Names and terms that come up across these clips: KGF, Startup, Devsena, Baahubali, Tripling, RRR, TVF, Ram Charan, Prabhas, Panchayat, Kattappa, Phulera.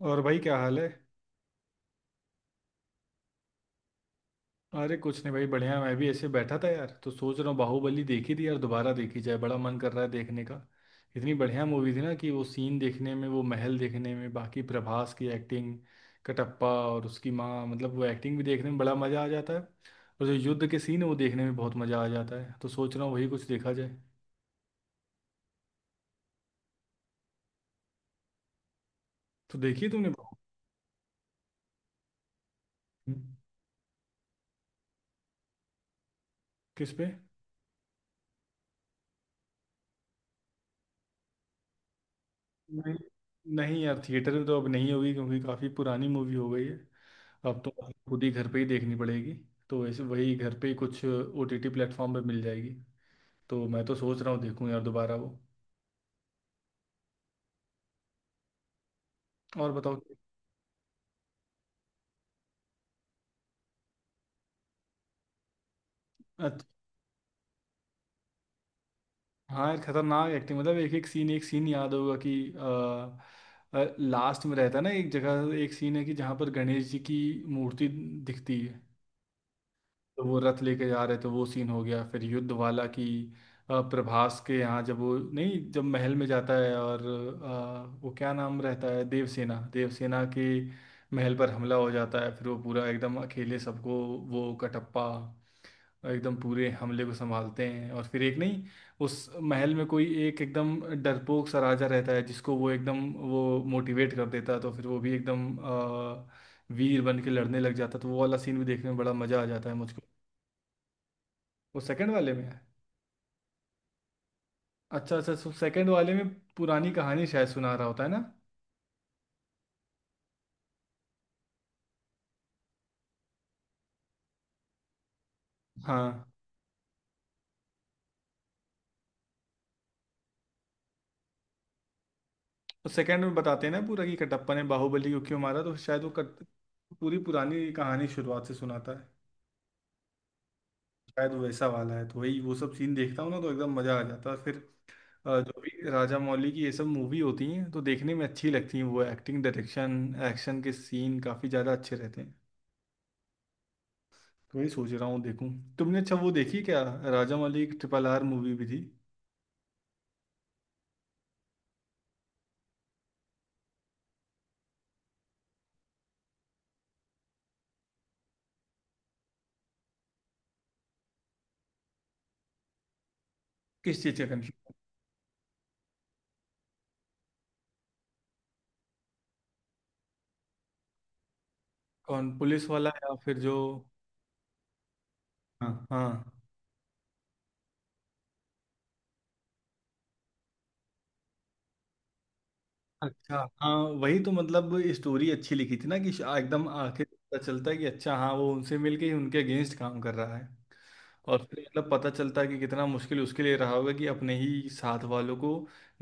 और भाई क्या हाल है। अरे कुछ नहीं भाई बढ़िया, मैं भी ऐसे बैठा था यार, तो सोच रहा हूँ बाहुबली देखी थी यार दोबारा देखी जाए, बड़ा मन कर रहा है देखने का। इतनी बढ़िया मूवी थी ना, कि वो सीन देखने में, वो महल देखने में, बाकी प्रभास की एक्टिंग, कटप्पा और उसकी माँ, मतलब वो एक्टिंग भी देखने में बड़ा मज़ा आ जाता है। और जो युद्ध के सीन है वो देखने में बहुत मज़ा आ जाता है, तो सोच रहा हूँ वही कुछ देखा जाए। तो देखी तुमने बाहुबली? किस पे? नहीं, नहीं यार थिएटर में तो अब नहीं होगी, क्योंकि काफ़ी पुरानी मूवी हो गई है। अब तो आपको खुद ही घर पे ही देखनी पड़ेगी। तो ऐसे वही घर पे ही कुछ ओटीटी प्लेटफॉर्म पे मिल जाएगी। तो मैं तो सोच रहा हूँ देखूँ यार दोबारा वो। और बताओ। अच्छा। हाँ यार खतरनाक एक्टिंग, मतलब एक एक सीन, एक सीन याद होगा कि लास्ट में रहता है ना, एक जगह एक सीन है कि जहाँ पर गणेश जी की मूर्ति दिखती है, तो वो रथ लेके जा रहे थे, वो सीन हो गया। फिर युद्ध वाला की प्रभास के यहाँ जब वो नहीं, जब महल में जाता है और वो क्या नाम रहता है, देवसेना, देवसेना के महल पर हमला हो जाता है, फिर वो पूरा एकदम अकेले सबको, वो कटप्पा एकदम पूरे हमले को संभालते हैं। और फिर एक नहीं, उस महल में कोई एक एकदम डरपोक सा राजा रहता है, जिसको वो एकदम, वो मोटिवेट कर देता है, तो फिर वो भी एकदम वीर बन के लड़ने लग जाता है, तो वो वाला सीन भी देखने में बड़ा मजा आ जाता है मुझको। वो सेकंड वाले में है। अच्छा अच्छा, सो सेकंड वाले में पुरानी कहानी शायद सुना रहा होता है ना। हाँ, तो सेकंड में बताते हैं ना पूरा कि कटप्पा ने बाहुबली को क्यों मारा, तो शायद वो कट पूरी पुरानी कहानी शुरुआत से सुनाता है। शायद वो वैसा वाला है, तो वही वो सब सीन देखता हूँ ना तो एकदम मज़ा आ जाता है फिर। जो भी राजा मौली की ये सब मूवी होती हैं तो देखने में अच्छी लगती हैं, वो एक्टिंग, डायरेक्शन, एक्शन के सीन काफ़ी ज़्यादा अच्छे रहते हैं। तो वही सोच रहा हूँ देखूँ। तुमने अच्छा वो देखी क्या, राजा मौली की ट्रिपल आर मूवी भी थी? किस चीज़ का कंफ्यूज? कौन, पुलिस वाला या फिर जो? हाँ हाँ। अच्छा हाँ, वही तो, मतलब स्टोरी अच्छी लिखी थी ना कि एकदम आखिर पता चलता है कि अच्छा हाँ, वो उनसे मिलके ही उनके अगेंस्ट काम कर रहा है। और फिर मतलब पता चलता है कि कितना मुश्किल उसके लिए रहा होगा कि अपने ही साथ वालों को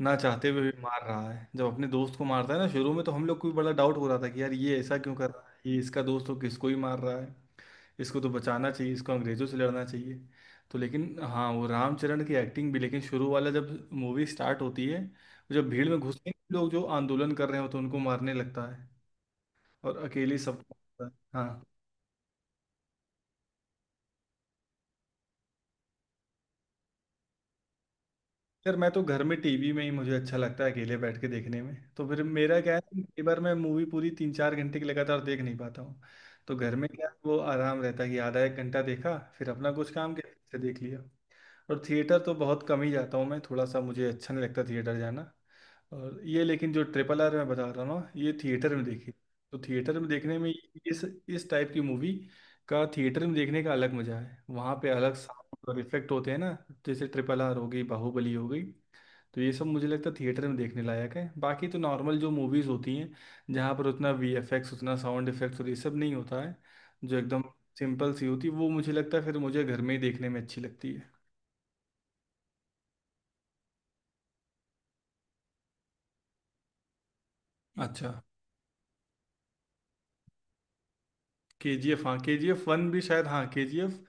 ना चाहते हुए भी मार रहा है। जब अपने दोस्त को मारता है ना शुरू में, तो हम लोग को भी बड़ा डाउट हो रहा था कि यार ये ऐसा क्यों कर रहा है, ये इसका दोस्त हो, किसको ही मार रहा है, इसको तो बचाना चाहिए, इसको अंग्रेजों से लड़ना चाहिए। तो लेकिन हाँ, वो रामचरण की एक्टिंग भी, लेकिन शुरू वाला जब मूवी स्टार्ट होती है, जब भीड़ में घुसते हैं लोग जो आंदोलन कर रहे हो तो उनको मारने लगता है, और अकेले सब। हाँ यार मैं तो घर में टीवी में ही मुझे अच्छा लगता है अकेले बैठ के देखने में। तो फिर मेरा क्या है, कई बार मैं मूवी पूरी 3 4 घंटे की लगातार देख नहीं पाता हूँ, तो घर में क्या है, वो आराम रहता है कि आधा 1 घंटा देखा, फिर अपना कुछ काम किया, फिर से देख लिया। और थिएटर तो बहुत कम ही जाता हूँ मैं, थोड़ा सा मुझे अच्छा नहीं लगता थिएटर जाना। और ये लेकिन जो ट्रिपल आर मैं बता रहा हूँ ना, ये थिएटर में देखी, तो थिएटर में देखने में, इस टाइप की मूवी का थिएटर में देखने का अलग मजा है, वहाँ पे अलग साउंड और इफेक्ट होते हैं ना। जैसे ट्रिपल आर हो गई, बाहुबली हो गई, तो ये सब मुझे लगता है थिएटर में देखने लायक है। बाकी तो नॉर्मल जो मूवीज़ होती हैं, जहाँ पर उतना वी एफ एक्स, उतना साउंड इफेक्ट्स और ये सब नहीं होता है, जो एकदम सिंपल सी होती है, वो मुझे लगता है फिर मुझे घर में ही देखने में अच्छी लगती है। अच्छा। केजीएफ, हाँ केजीएफ वन भी शायद, हाँ केजीएफ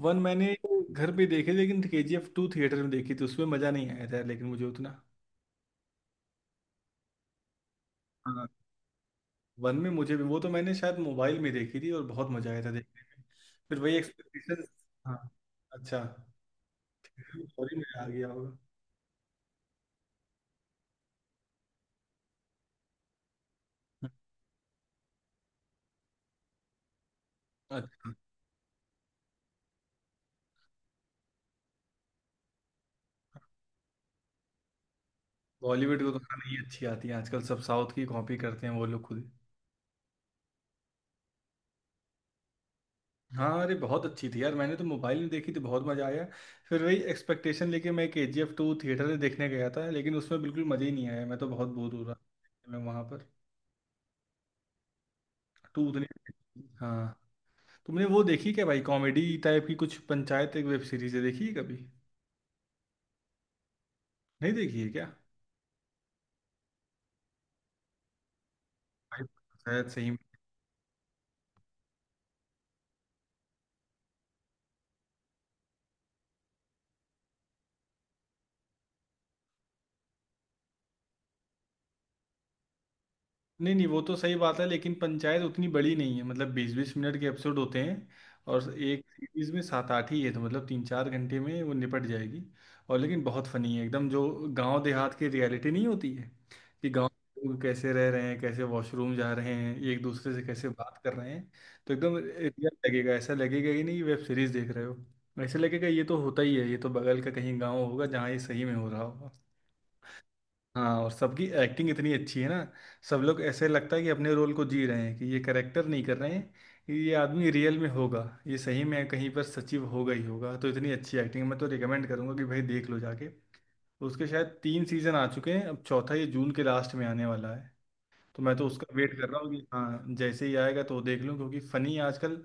वन मैंने घर पे देखी, लेकिन केजीएफ टू थिएटर में देखी थी, उसमें मज़ा नहीं आया था लेकिन मुझे उतना। हाँ वन में मुझे भी, वो तो मैंने शायद मोबाइल में देखी थी और बहुत मज़ा आया था देखने में। फिर वही एक्सपेक्टेशन। हाँ। अच्छा। सॉरी मैं आ गया होगा। अच्छा। बॉलीवुड को तो खाना नहीं अच्छी आती है आजकल, सब साउथ की कॉपी करते हैं वो लोग खुद। हाँ अरे बहुत अच्छी थी यार, मैंने तो मोबाइल में देखी थी, बहुत मज़ा आया। फिर वही एक्सपेक्टेशन लेके मैं K G F two theatre में देखने गया था, लेकिन उसमें बिल्कुल मज़ा ही नहीं आया, मैं तो बहुत बोर हो रहा था मैं वहाँ पर। टू उतनी। हाँ। तुमने वो देखी क्या भाई, कॉमेडी टाइप की कुछ, पंचायत एक वेब सीरीज है, देखी है कभी? नहीं देखी है क्या? भाई पंचायत सही। नहीं नहीं, वो तो सही बात है, लेकिन पंचायत उतनी बड़ी नहीं है, मतलब 20 20 मिनट के एपिसोड होते हैं, और एक सीरीज में 7 8 ही है, तो मतलब 3 4 घंटे में वो निपट जाएगी। और लेकिन बहुत फनी है एकदम, जो गांव देहात की रियलिटी नहीं होती है, कि गांव के लोग कैसे रह रहे हैं, कैसे वॉशरूम जा रहे हैं, एक दूसरे से कैसे बात कर रहे हैं, तो एकदम रियल लगेगा, ऐसा लगेगा ही नहीं कि वेब सीरीज देख रहे हो। ऐसे लगेगा ये तो होता ही है, ये तो बगल का कहीं गाँव होगा जहाँ ये सही में हो रहा होगा। हाँ, और सबकी एक्टिंग इतनी अच्छी है ना, सब लोग, ऐसे लगता है कि अपने रोल को जी रहे हैं, कि ये करेक्टर नहीं कर रहे हैं, ये आदमी रियल में होगा, ये सही में कहीं पर सचिव होगा ही होगा। तो इतनी अच्छी एक्टिंग, मैं तो रिकमेंड करूंगा कि भाई देख लो जाके। उसके शायद 3 सीजन आ चुके हैं, अब चौथा ये जून के लास्ट में आने वाला है। तो मैं तो उसका वेट कर रहा हूँ कि हाँ जैसे ही आएगा तो देख लूँ, क्योंकि फ़नी आजकल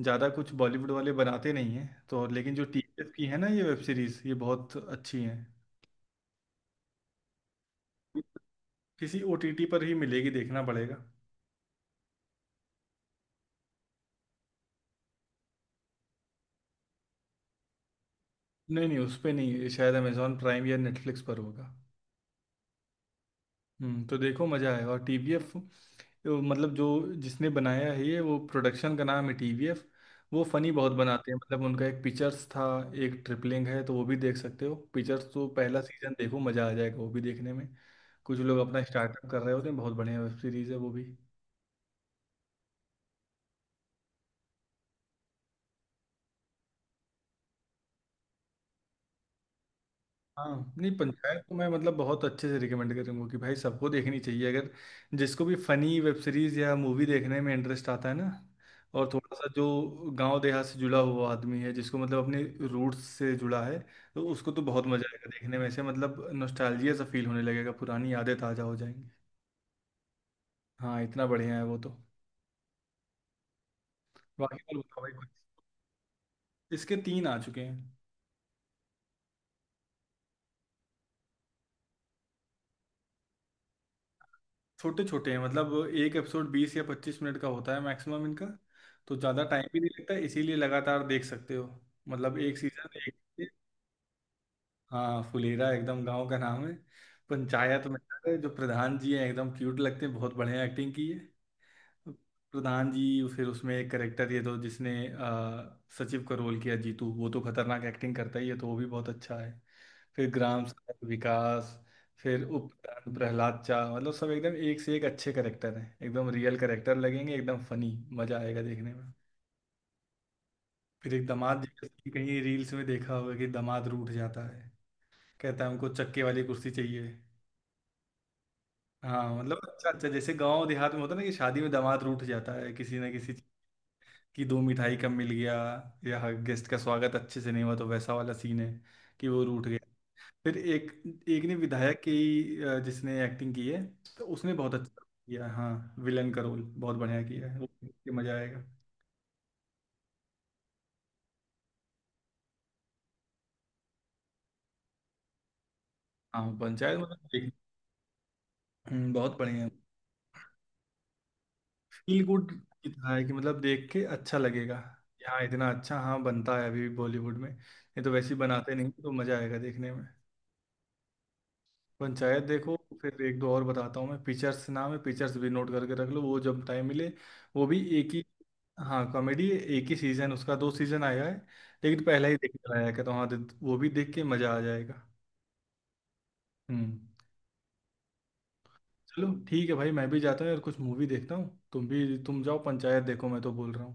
ज़्यादा कुछ बॉलीवुड वाले बनाते नहीं हैं तो, और लेकिन जो टीएफ की है ना ये वेब सीरीज़, ये बहुत अच्छी हैं। किसी ओटीटी पर ही मिलेगी, देखना पड़ेगा। नहीं नहीं उस पे नहीं, ये शायद अमेजोन प्राइम या नेटफ्लिक्स पर होगा। तो देखो मज़ा आएगा। और टीवीएफ, मतलब जो, जिसने बनाया है ये, वो प्रोडक्शन का नाम है टीवीएफ, वो फनी बहुत बनाते हैं। मतलब उनका एक पिक्चर्स था, एक ट्रिपलिंग है, तो वो भी देख सकते हो। पिक्चर्स तो पहला सीजन देखो मज़ा आ जाएगा, वो भी देखने में। कुछ लोग अपना स्टार्टअप कर रहे होते हैं, बहुत बढ़िया वेब सीरीज़ है वो भी। हाँ नहीं पंचायत तो मैं मतलब बहुत अच्छे से रिकमेंड करूंगा कि भाई सबको देखनी चाहिए, अगर जिसको भी फनी वेब सीरीज या मूवी देखने में इंटरेस्ट आता है ना, और थोड़ा सा जो गांव देहात से जुड़ा हुआ आदमी है, जिसको मतलब अपने रूट्स से जुड़ा है, तो उसको तो बहुत मजा आएगा देखने में, ऐसे मतलब नॉस्टैल्जिया सा फील होने लगेगा, पुरानी यादें ताजा हो जाएंगी। हाँ इतना बढ़िया है वो तो। बाकी और बताओ भाई। इसके 3 आ चुके हैं। छोटे छोटे हैं, मतलब एक एपिसोड 20 या 25 मिनट का होता है मैक्सिमम इनका, तो ज़्यादा टाइम भी नहीं लगता, इसीलिए लगातार देख सकते हो। मतलब एक सीजन एक। हाँ फुलेरा एकदम गांव का नाम है पंचायत में। है, जो प्रधान जी हैं एकदम क्यूट लगते हैं, बहुत बढ़िया एक्टिंग की प्रधान जी। फिर उसमें एक करेक्टर ये तो, जिसने सचिव का रोल किया, जीतू, वो तो खतरनाक एक्टिंग करता ही है, तो वो भी बहुत अच्छा है। फिर ग्राम सड़क विकास, फिर उप प्रधान प्रहलाद चा, मतलब सब एकदम एक से एक अच्छे करेक्टर हैं, एकदम रियल करेक्टर लगेंगे, एकदम फनी। मजा आएगा देखने में। फिर एक दामाद जी का scene कहीं रील्स में देखा होगा कि दामाद रूठ जाता है, कहता है हमको चक्के वाली कुर्सी चाहिए। हाँ मतलब अच्छा अच्छा, जैसे गांव देहात में होता है ना कि शादी में दामाद रूठ जाता है किसी ना किसी, कि 2 मिठाई कम मिल गया, या गेस्ट का स्वागत अच्छे से नहीं हुआ, तो वैसा वाला सीन है कि वो रूठ गया। फिर एक, एक ने विधायक की, जिसने एक्टिंग की है, तो उसने बहुत अच्छा किया, हाँ विलन का रोल बहुत बढ़िया किया है, वो देख के मजा आएगा। हाँ पंचायत मतलब देख। बहुत बढ़िया। फील गुड है कि, मतलब देख के अच्छा लगेगा, यहाँ इतना अच्छा हाँ बनता है अभी भी, बॉलीवुड में नहीं तो वैसे ही बनाते नहीं, तो मजा आएगा देखने में। पंचायत देखो। फिर एक दो और बताता हूँ मैं, पिक्चर्स नाम है, पिक्चर्स भी नोट करके रख लो, वो जब टाइम मिले, वो भी एक ही। हाँ कॉमेडी, एक ही सीजन उसका, 2 सीजन आया है, लेकिन पहला ही देख चला आया कहता हूँ, हाँ वो भी देख के मज़ा आ जाएगा। हम्म। चलो ठीक है भाई, मैं भी जाता हूँ यार, कुछ मूवी देखता हूँ, तुम भी तुम जाओ पंचायत देखो, मैं तो बोल रहा हूँ।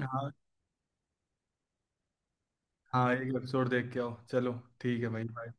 हाँ। हाँ एक एपिसोड देख के आओ, चलो ठीक है भाई, बाय।